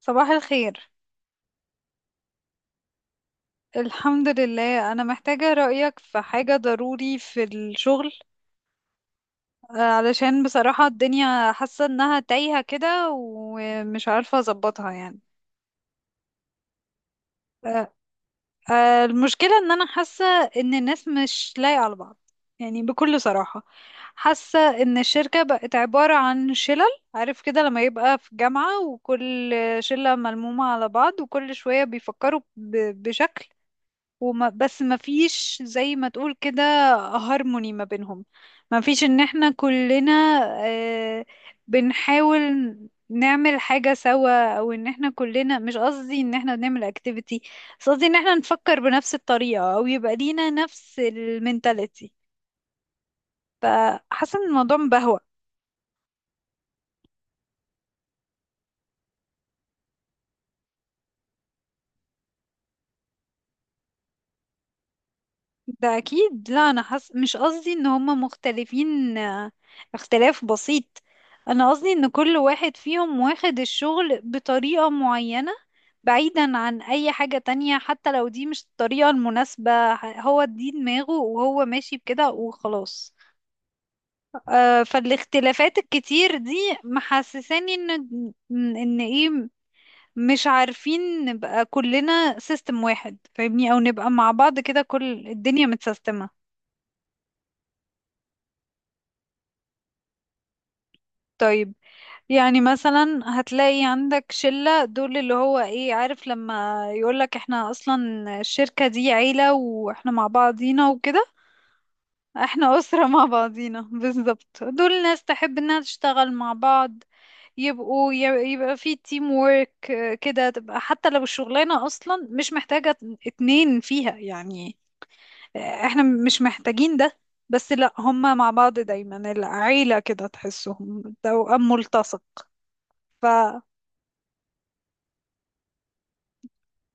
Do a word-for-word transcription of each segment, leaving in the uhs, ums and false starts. صباح الخير. الحمد لله، أنا محتاجة رأيك في حاجة ضروري في الشغل. آه، علشان بصراحة الدنيا حاسة إنها تايهة كده ومش عارفة أظبطها يعني. آه، آه، المشكلة إن أنا حاسة إن الناس مش لايقة على بعض، يعني بكل صراحة حاسة إن الشركة بقت عبارة عن شلل. عارف كده لما يبقى في جامعة وكل شلة ملمومة على بعض وكل شوية بيفكروا ب- بشكل، وما بس ما فيش زي ما تقول كده هارموني ما بينهم. ما فيش ان احنا كلنا آه، بنحاول نعمل حاجة سوا، او ان احنا كلنا، مش قصدي ان احنا بنعمل اكتيفيتي، بس قصدي ان احنا نفكر بنفس الطريقة او يبقى لينا نفس المينتاليتي. فحاسة ان الموضوع مبهوأ. ده اكيد، لا انا حس... مش قصدي ان هما مختلفين. آه، اختلاف بسيط. انا قصدي ان كل واحد فيهم واخد الشغل بطريقة معينة، بعيدا عن اي حاجة تانية، حتى لو دي مش الطريقة المناسبة، ه- هو دي دماغه وهو ماشي بكده وخلاص. آه، فالاختلافات الكتير دي محسساني ان ان ايه، مش عارفين نبقى كلنا سيستم واحد فاهمني، او نبقى مع بعض كده كل الدنيا متسيستمة. طيب، يعني مثلا هتلاقي عندك شلة، دول اللي هو ايه، عارف لما يقولك احنا اصلا الشركة دي عيلة واحنا مع بعضينا وكده. احنا أسرة مع بعضينا بالظبط، دول ناس تحب انها تشتغل مع بعض، يبقوا ي- يبقى في تيم وورك كده، تبقى حتى لو الشغلانة اصلا مش محتاجة اتنين فيها يعني، احنا مش محتاجين ده، بس لا هما مع بعض دايما، العيلة كده تحسهم توأم ملتصق.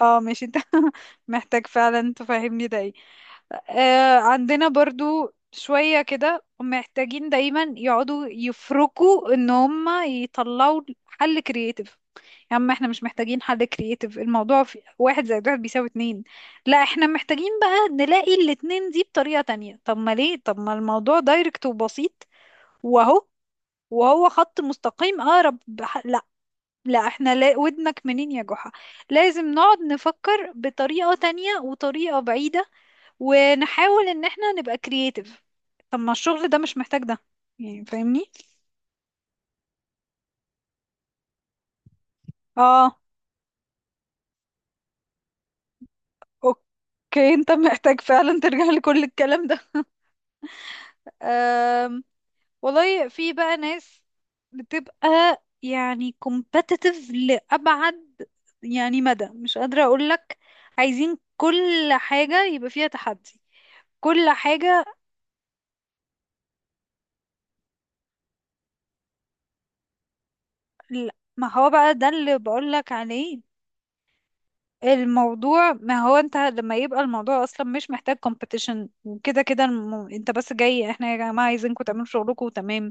اه ماشي، انت محتاج فعلا تفهمني ده ايه. آه، عندنا برضو شوية كده محتاجين دايما يقعدوا يفركوا ان هم يطلعوا حل كرياتيف. يا عم احنا مش محتاجين حل كرياتيف، الموضوع في واحد زائد واحد بيساوي اتنين. لا احنا محتاجين بقى نلاقي الاتنين دي بطريقة تانية، طب ما ليه؟ طب ما الموضوع دايركت وبسيط، وهو وهو خط مستقيم اقرب. لا احنا لا، ودنك منين يا جحا؟ لازم نقعد نفكر بطريقة تانية وطريقة بعيدة، ونحاول ان احنا نبقى كرييتيف. طب ما الشغل ده مش محتاج ده، يعني فاهمني؟ اه اوكي، انت محتاج فعلا ترجع لكل الكلام ده. أم. والله في بقى ناس بتبقى يعني competitive لأبعد يعني مدى مش قادرة اقولك، عايزين كل حاجة يبقى فيها تحدي، كل حاجة. لا، ما هو بقى ده اللي بقولك عليه. الموضوع، ما هو انت لما يبقى الموضوع اصلا مش محتاج كومبيتيشن، وكده كده الم... انت بس جاي، احنا يا جماعة عايزينكم تعملوا شغلكم وتمام.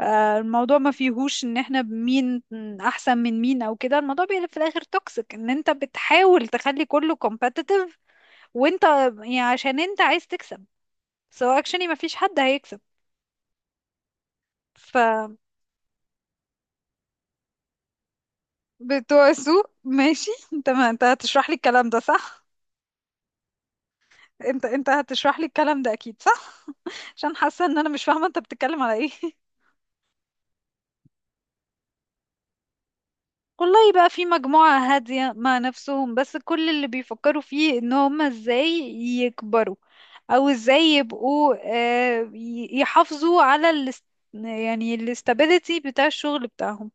آه، الموضوع ما فيهوش ان احنا مين احسن من مين او كده، الموضوع بيبقى في الاخر توكسيك، ان انت بتحاول تخلي كله كومبيتيتيف، وانت يعني عشان انت عايز تكسب، سو اكشني ما فيش حد هيكسب. فبتوع السوق ماشي انت ما انت هتشرح لي الكلام ده صح، انت انت هتشرح لي الكلام ده اكيد صح، عشان حاسه ان انا مش فاهمه انت بتتكلم على ايه والله بقى في مجموعة هادية مع نفسهم، بس كل اللي بيفكروا فيه ان هم ازاي يكبروا او ازاي يبقوا، آه، ي- يحافظوا على الاست... يعني الاستابيليتي بتاع الشغل بتاعهم.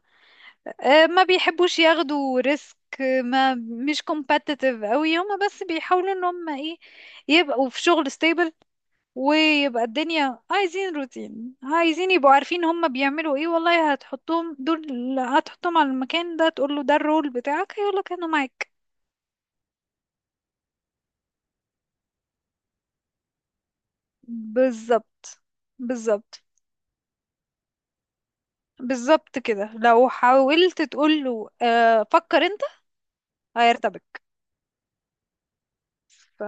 آه، ما بيحبوش ياخدوا ريسك، ما مش competitive قوي، هم بس بيحاولوا ان هم ايه يبقوا في شغل stable، ويبقى الدنيا عايزين روتين، عايزين يبقوا عارفين هما بيعملوا ايه. والله هتحطهم دول، هتحطهم على المكان ده تقول له ده الرول بتاعك هيقولك انا معاك. بالظبط، بالظبط، بالظبط كده، لو حاولت تقول له آه فكر انت هيرتبك. ف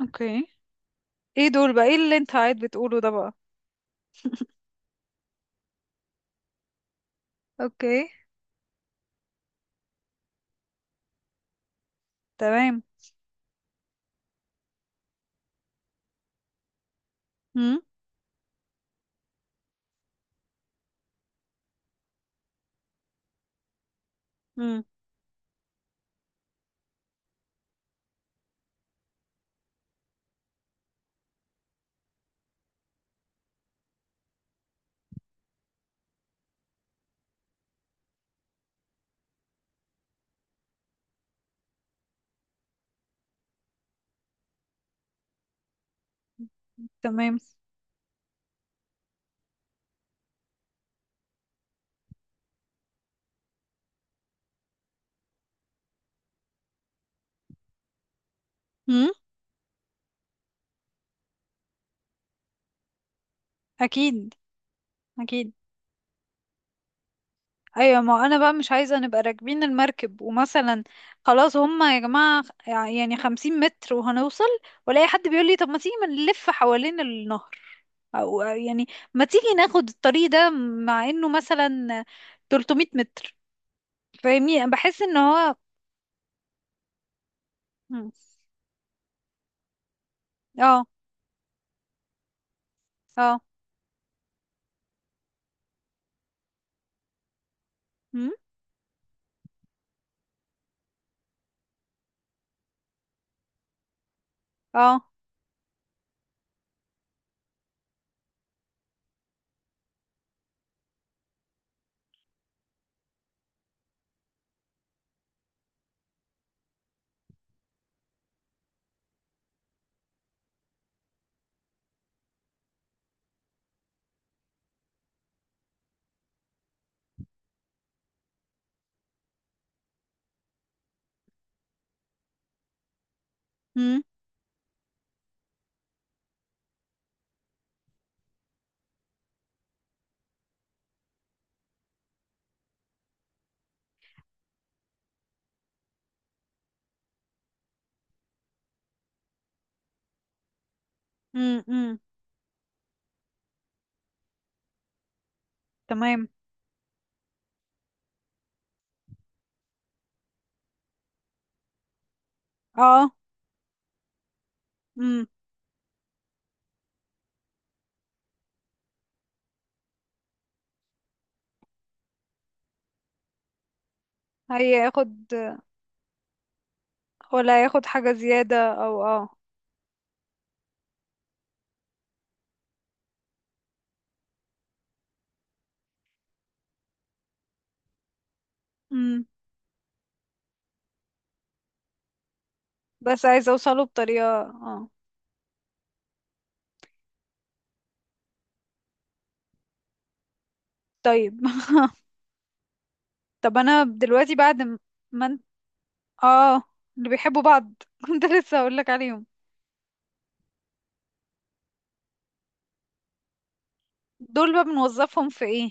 اوكي، ايه دول بقى؟ ايه اللي انت قاعد بتقوله ده بقى؟ اوكي. تمام. امم. امم. تمام. امم. اكيد، اكيد. ايوه، ما انا بقى مش عايزه نبقى راكبين المركب ومثلا خلاص هما يا جماعه يعني خمسين متر وهنوصل، والاقي حد بيقول لي طب ما تيجي ما نلف حوالين النهر، او يعني ما تيجي ناخد الطريق ده مع انه مثلا ثلاثمية متر، فاهمني؟ بحس ان هو. مم. اه. اه. مم. اه. مم. مم. مم. تمام. اه. مم. هياخد، ولا هياخد حاجه زياده او اه. مم. بس عايزه اوصله بطريقه اه. طيب طب انا دلوقتي بعد م- ما انت، اه اللي بيحبوا بعض كنت لسه هقول لك عليهم، دول بقى بنوظفهم في ايه؟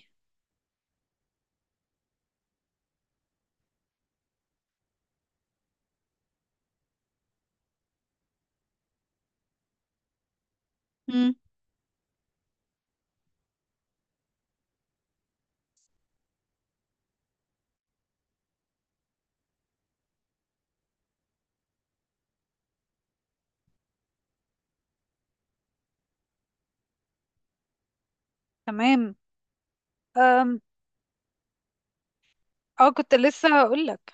امم. تمام. أم... اه كنت لسه هقول لك.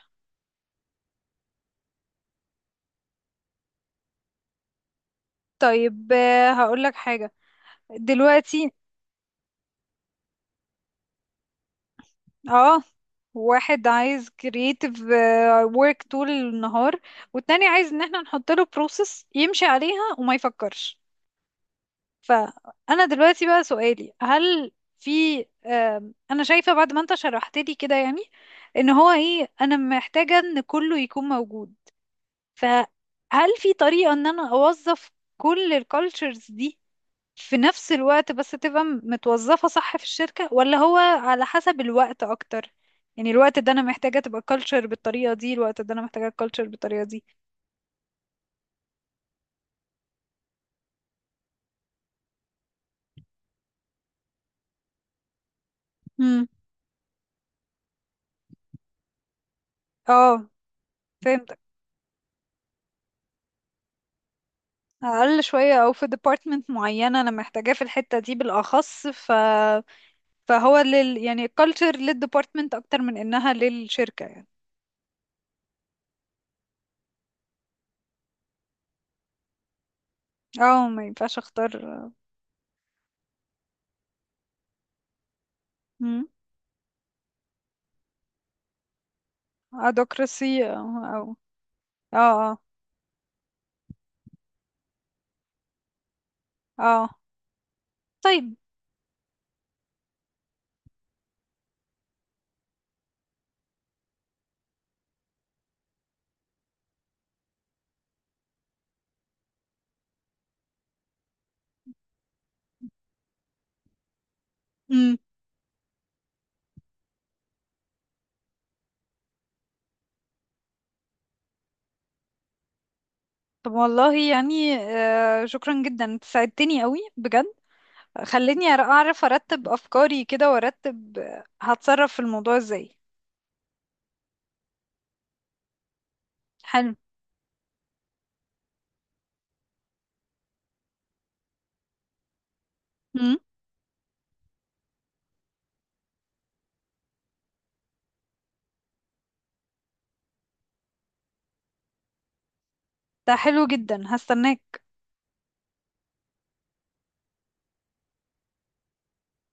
طيب، آه، هقول لك حاجة دلوقتي. اه، واحد عايز creative آه، work طول النهار، والتاني عايز ان احنا نحط له process يمشي عليها وما يفكرش. فأنا دلوقتي بقى سؤالي، هل في آم، أنا شايفة بعد ما أنت شرحت لي كده يعني إن هو إيه، أنا محتاجة إن كله يكون موجود، فهل في طريقة إن أنا أوظف كل الكالتشرز دي في نفس الوقت بس تبقى م- متوظفة صح في الشركة، ولا هو على حسب الوقت أكتر، يعني الوقت ده أنا محتاجة تبقى كالتشر بالطريقة دي، الوقت ده أنا محتاجة كالتشر بالطريقة دي؟ امم. اه. فهمت. اقل شويه، او في ديبارتمنت معينه انا محتاجاه في الحته دي بالاخص، ف فهو لل يعني الكالتشر للديبارتمنت اكتر من انها للشركه يعني. اه ما ينفعش اختار ادوكراسي او او، اه، اه، اه، طيب. امم. طب والله يعني، آه شكرا جدا، انت ساعدتني قوي بجد، خلتني أر- اعرف ارتب افكاري كده، وارتب آه، هتصرف في الموضوع ازاي. حلو. امم. ده حلو جدا، هستناك.